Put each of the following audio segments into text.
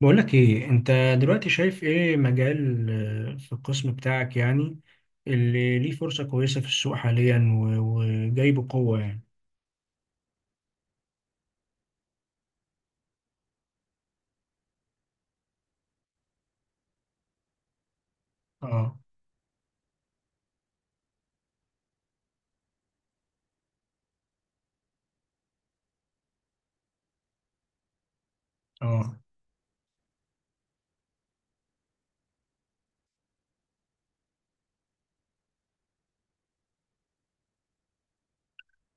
بقولك ايه انت دلوقتي، شايف ايه مجال، في القسم بتاعك يعني، اللي ليه فرصة كويسة في السوق حاليا و- وجاي بقوة يعني؟ اه، اه،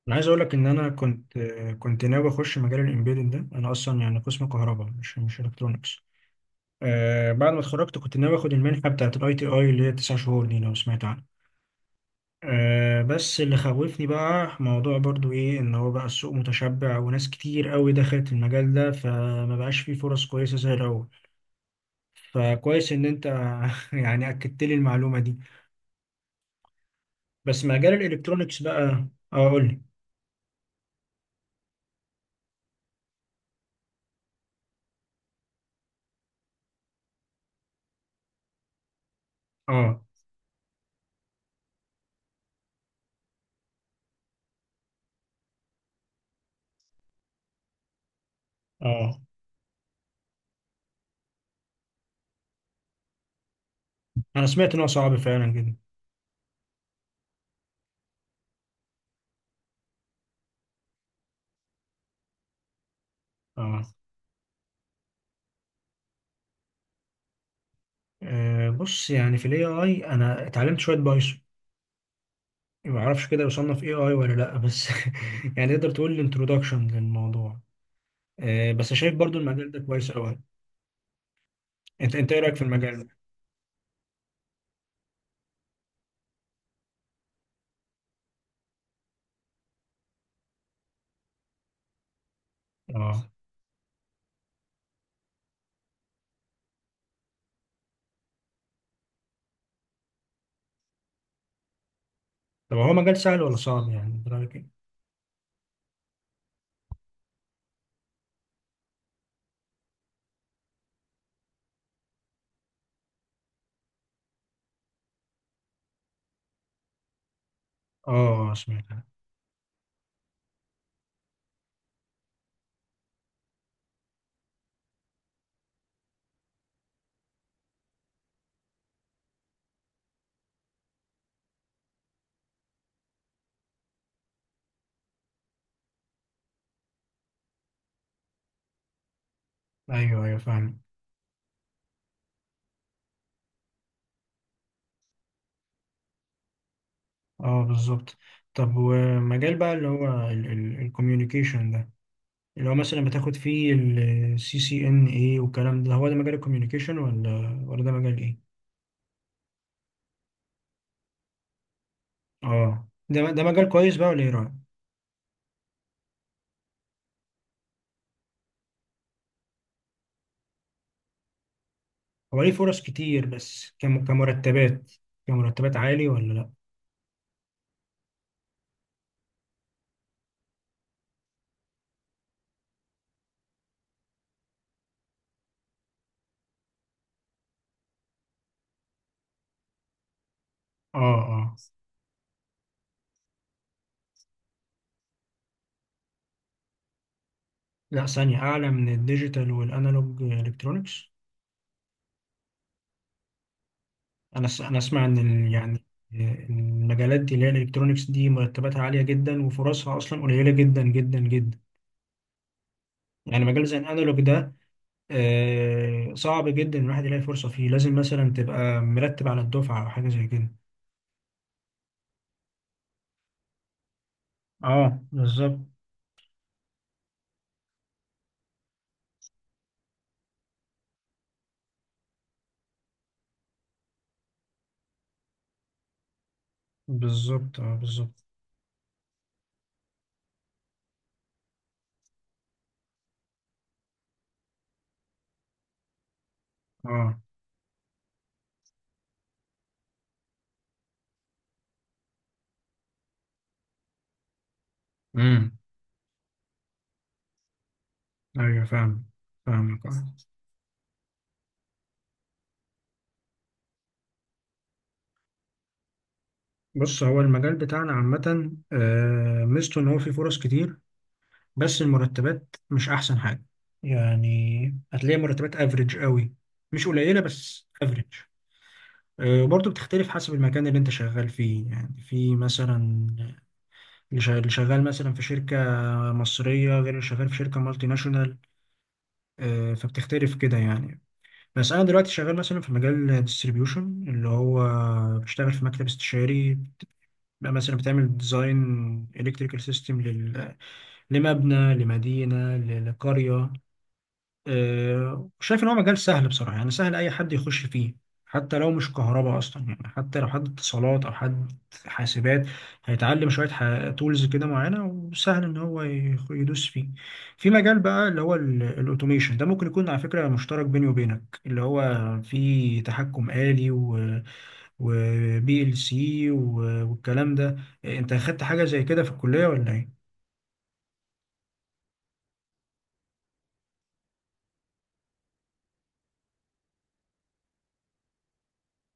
انا عايز اقولك ان انا كنت ناوي اخش مجال الامبيدد ده، انا اصلا يعني قسم كهرباء مش الكترونكس. بعد ما اتخرجت كنت ناوي اخد المنحة بتاعت الاي تي اي اللي هي 9 شهور دي لو سمعت عنها. بس اللي خوفني بقى موضوع برضو ايه، ان هو بقى السوق متشبع وناس كتير قوي دخلت المجال ده فما بقاش فيه فرص كويسة زي الاول. فكويس ان انت يعني اكدت لي المعلومة دي. بس مجال الالكترونيكس بقى. اه، قول لي. اه، اه، انا سمعت ان هو صعب فعلا جدا. اه، بص يعني في الاي اي انا اتعلمت شوية بايثون. ما اعرفش كده يصنف اي اي ولا لا، بس يعني تقدر تقول الانترودكشن للموضوع. بس شايف برضو المجال ده كويس قوي. انت ايه رايك في المجال ده؟ اه، طب هو مجال سهل ولا صعب يعني انت رايك ايه؟ اه، سمعتها. ايوه، ايوه، فاهم. اه، بالظبط. طب ومجال بقى اللي هو الكوميونيكيشن ده، اللي هو مثلا بتاخد فيه السي سي ان ايه والكلام ده، هو ده مجال الكوميونيكيشن ولا ده مجال ايه؟ اه، ده مجال كويس بقى ولا ايه رايك؟ هو ليه فرص كتير بس كم كمرتبات كمرتبات عالي ولا لا؟ اه، اه، لا، ثانية أعلى من الديجيتال والأنالوج إلكترونيكس. انا اسمع ان يعني المجالات دي اللي هي الالكترونيكس دي مرتباتها عاليه جدا وفرصها اصلا قليله جدا جدا جدا. يعني مجال زي الانالوج ده، صعب جدا الواحد يلاقي فرصه فيه، لازم مثلا تبقى مرتب على الدفعه او حاجه زي كده. اه، بالظبط، بالظبط. اه، بالظبط. اه، امم، ايوه، فاهم. فاهمك. آه. بص هو المجال بتاعنا عامه، ميزته ان هو فيه فرص كتير، بس المرتبات مش احسن حاجه. يعني هتلاقي مرتبات افريج قوي، مش قليله بس افريج. وبرضه بتختلف حسب المكان اللي انت شغال فيه، يعني في مثلا اللي شغال مثلا في شركه مصريه غير اللي شغال في شركه مالتي ناشونال. فبتختلف كده يعني. بس انا دلوقتي شغال مثلا في مجال ديستريبيوشن اللي هو بشتغل في مكتب استشاري، بقى مثلا بتعمل ديزاين الكتريكال سيستم لمبنى لمدينه لقريه. شايف ان هو مجال سهل بصراحه، يعني سهل اي حد يخش فيه، حتى لو مش كهرباء اصلا، يعني حتى لو حد اتصالات او حد حاسبات هيتعلم شويه تولز كده معينه وسهل ان هو يدوس فيه. في مجال بقى اللي هو الاوتوميشن ده، ممكن يكون على فكره مشترك بيني وبينك، اللي هو فيه تحكم آلي وبي ال سي والكلام ده. انت اخدت حاجه زي كده في الكليه ولا ايه؟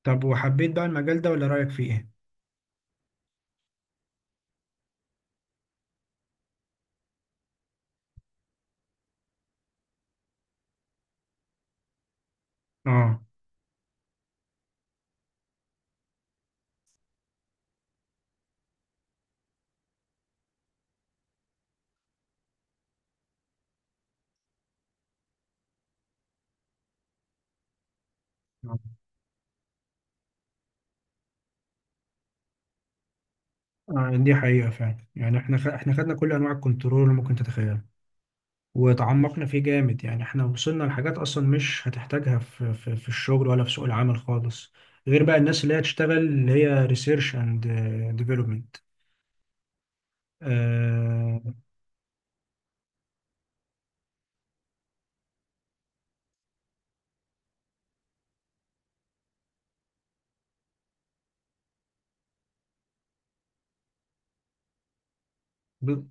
طب وحبيت بقى المجال ده ولا رايك فيه ايه؟ اه، دي حقيقة فعلا، يعني احنا خدنا كل انواع الكنترول اللي ممكن تتخيلها وتعمقنا فيه جامد، يعني احنا وصلنا لحاجات اصلا مش هتحتاجها في الشغل ولا في سوق العمل خالص، غير بقى الناس اللي هي تشتغل اللي هي ريسيرش اند ديفلوبمنت. اه. ب...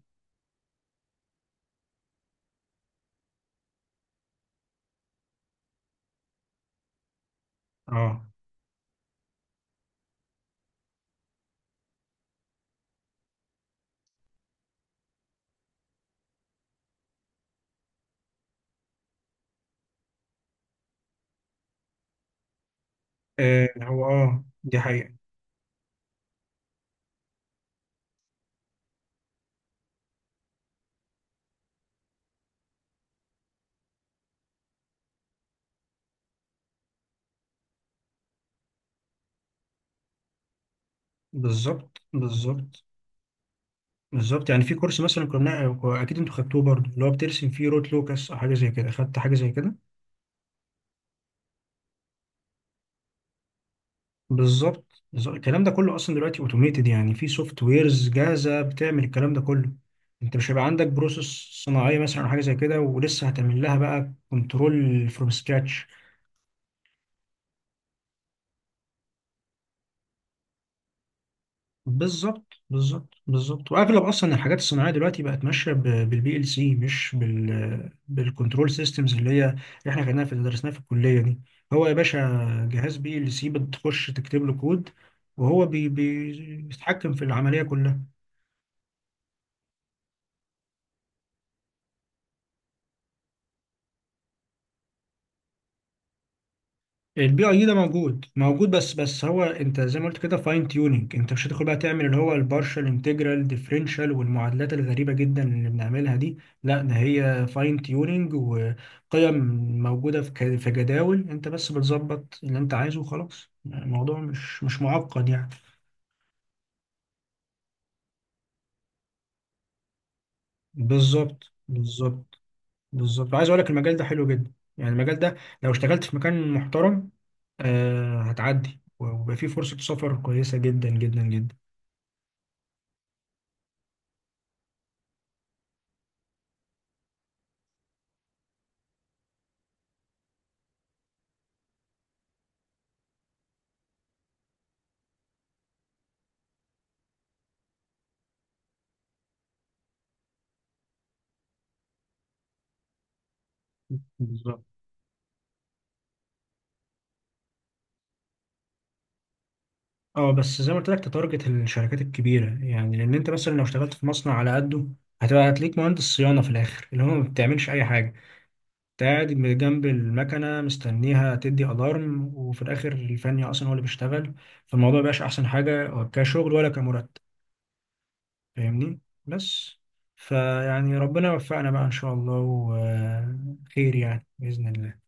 اه، هو دي حقيقة. بالظبط، بالظبط، بالظبط. يعني في كورس مثلا كنا اكيد انتوا خدتوه برضه اللي هو بترسم فيه روت لوكس او حاجة زي كده، خدت حاجة زي كده. بالظبط، بالظبط. الكلام ده كله اصلا دلوقتي اوتوميتد، يعني في سوفت ويرز جاهزه بتعمل الكلام ده كله. انت مش هيبقى عندك بروسيس صناعيه مثلا او حاجه زي كده ولسه هتعمل لها بقى كنترول فروم سكراتش. بالظبط، بالظبط، بالظبط، واغلب اصلا الحاجات الصناعيه دلوقتي بقت ماشيه بالبي ال سي، مش بالكنترول سيستمز اللي هي اللي احنا خدناها في درسناها في الكليه دي. هو يا باشا، جهاز بي ال سي بتخش تكتب له كود، وهو بيتحكم في العمليه كلها. البي اي ده موجود موجود، بس هو انت زي ما قلت كده فاين تيوننج، انت مش هتدخل بقى تعمل اللي هو البارشال انتجرال ديفرنشال والمعادلات الغريبه جدا اللي بنعملها دي. لا، ده هي فاين تيوننج وقيم موجوده في جداول، انت بس بتظبط اللي انت عايزه وخلاص، الموضوع مش معقد يعني. بالظبط، بالظبط، بالظبط، عايز اقول لك المجال ده حلو جدا. يعني المجال ده، لو اشتغلت في مكان محترم، هتعدي ويبقى فيه فرصه سفر كويسه جدا جدا جدا. بالظبط. اه، بس زي ما قلت لك تتارجت الشركات الكبيره، يعني لان انت مثلا لو اشتغلت في مصنع على قده هتبقى هتليك مهندس صيانه في الاخر اللي هو ما بتعملش اي حاجه. انت قاعد من جنب المكنه مستنيها تدي الارم وفي الاخر الفني اصلا هو اللي بيشتغل. فالموضوع مبقاش احسن حاجه كشغل ولا كمرتب، فاهمني، بس فيعني ربنا يوفقنا بقى ان شاء الله وخير يعني باذن الله.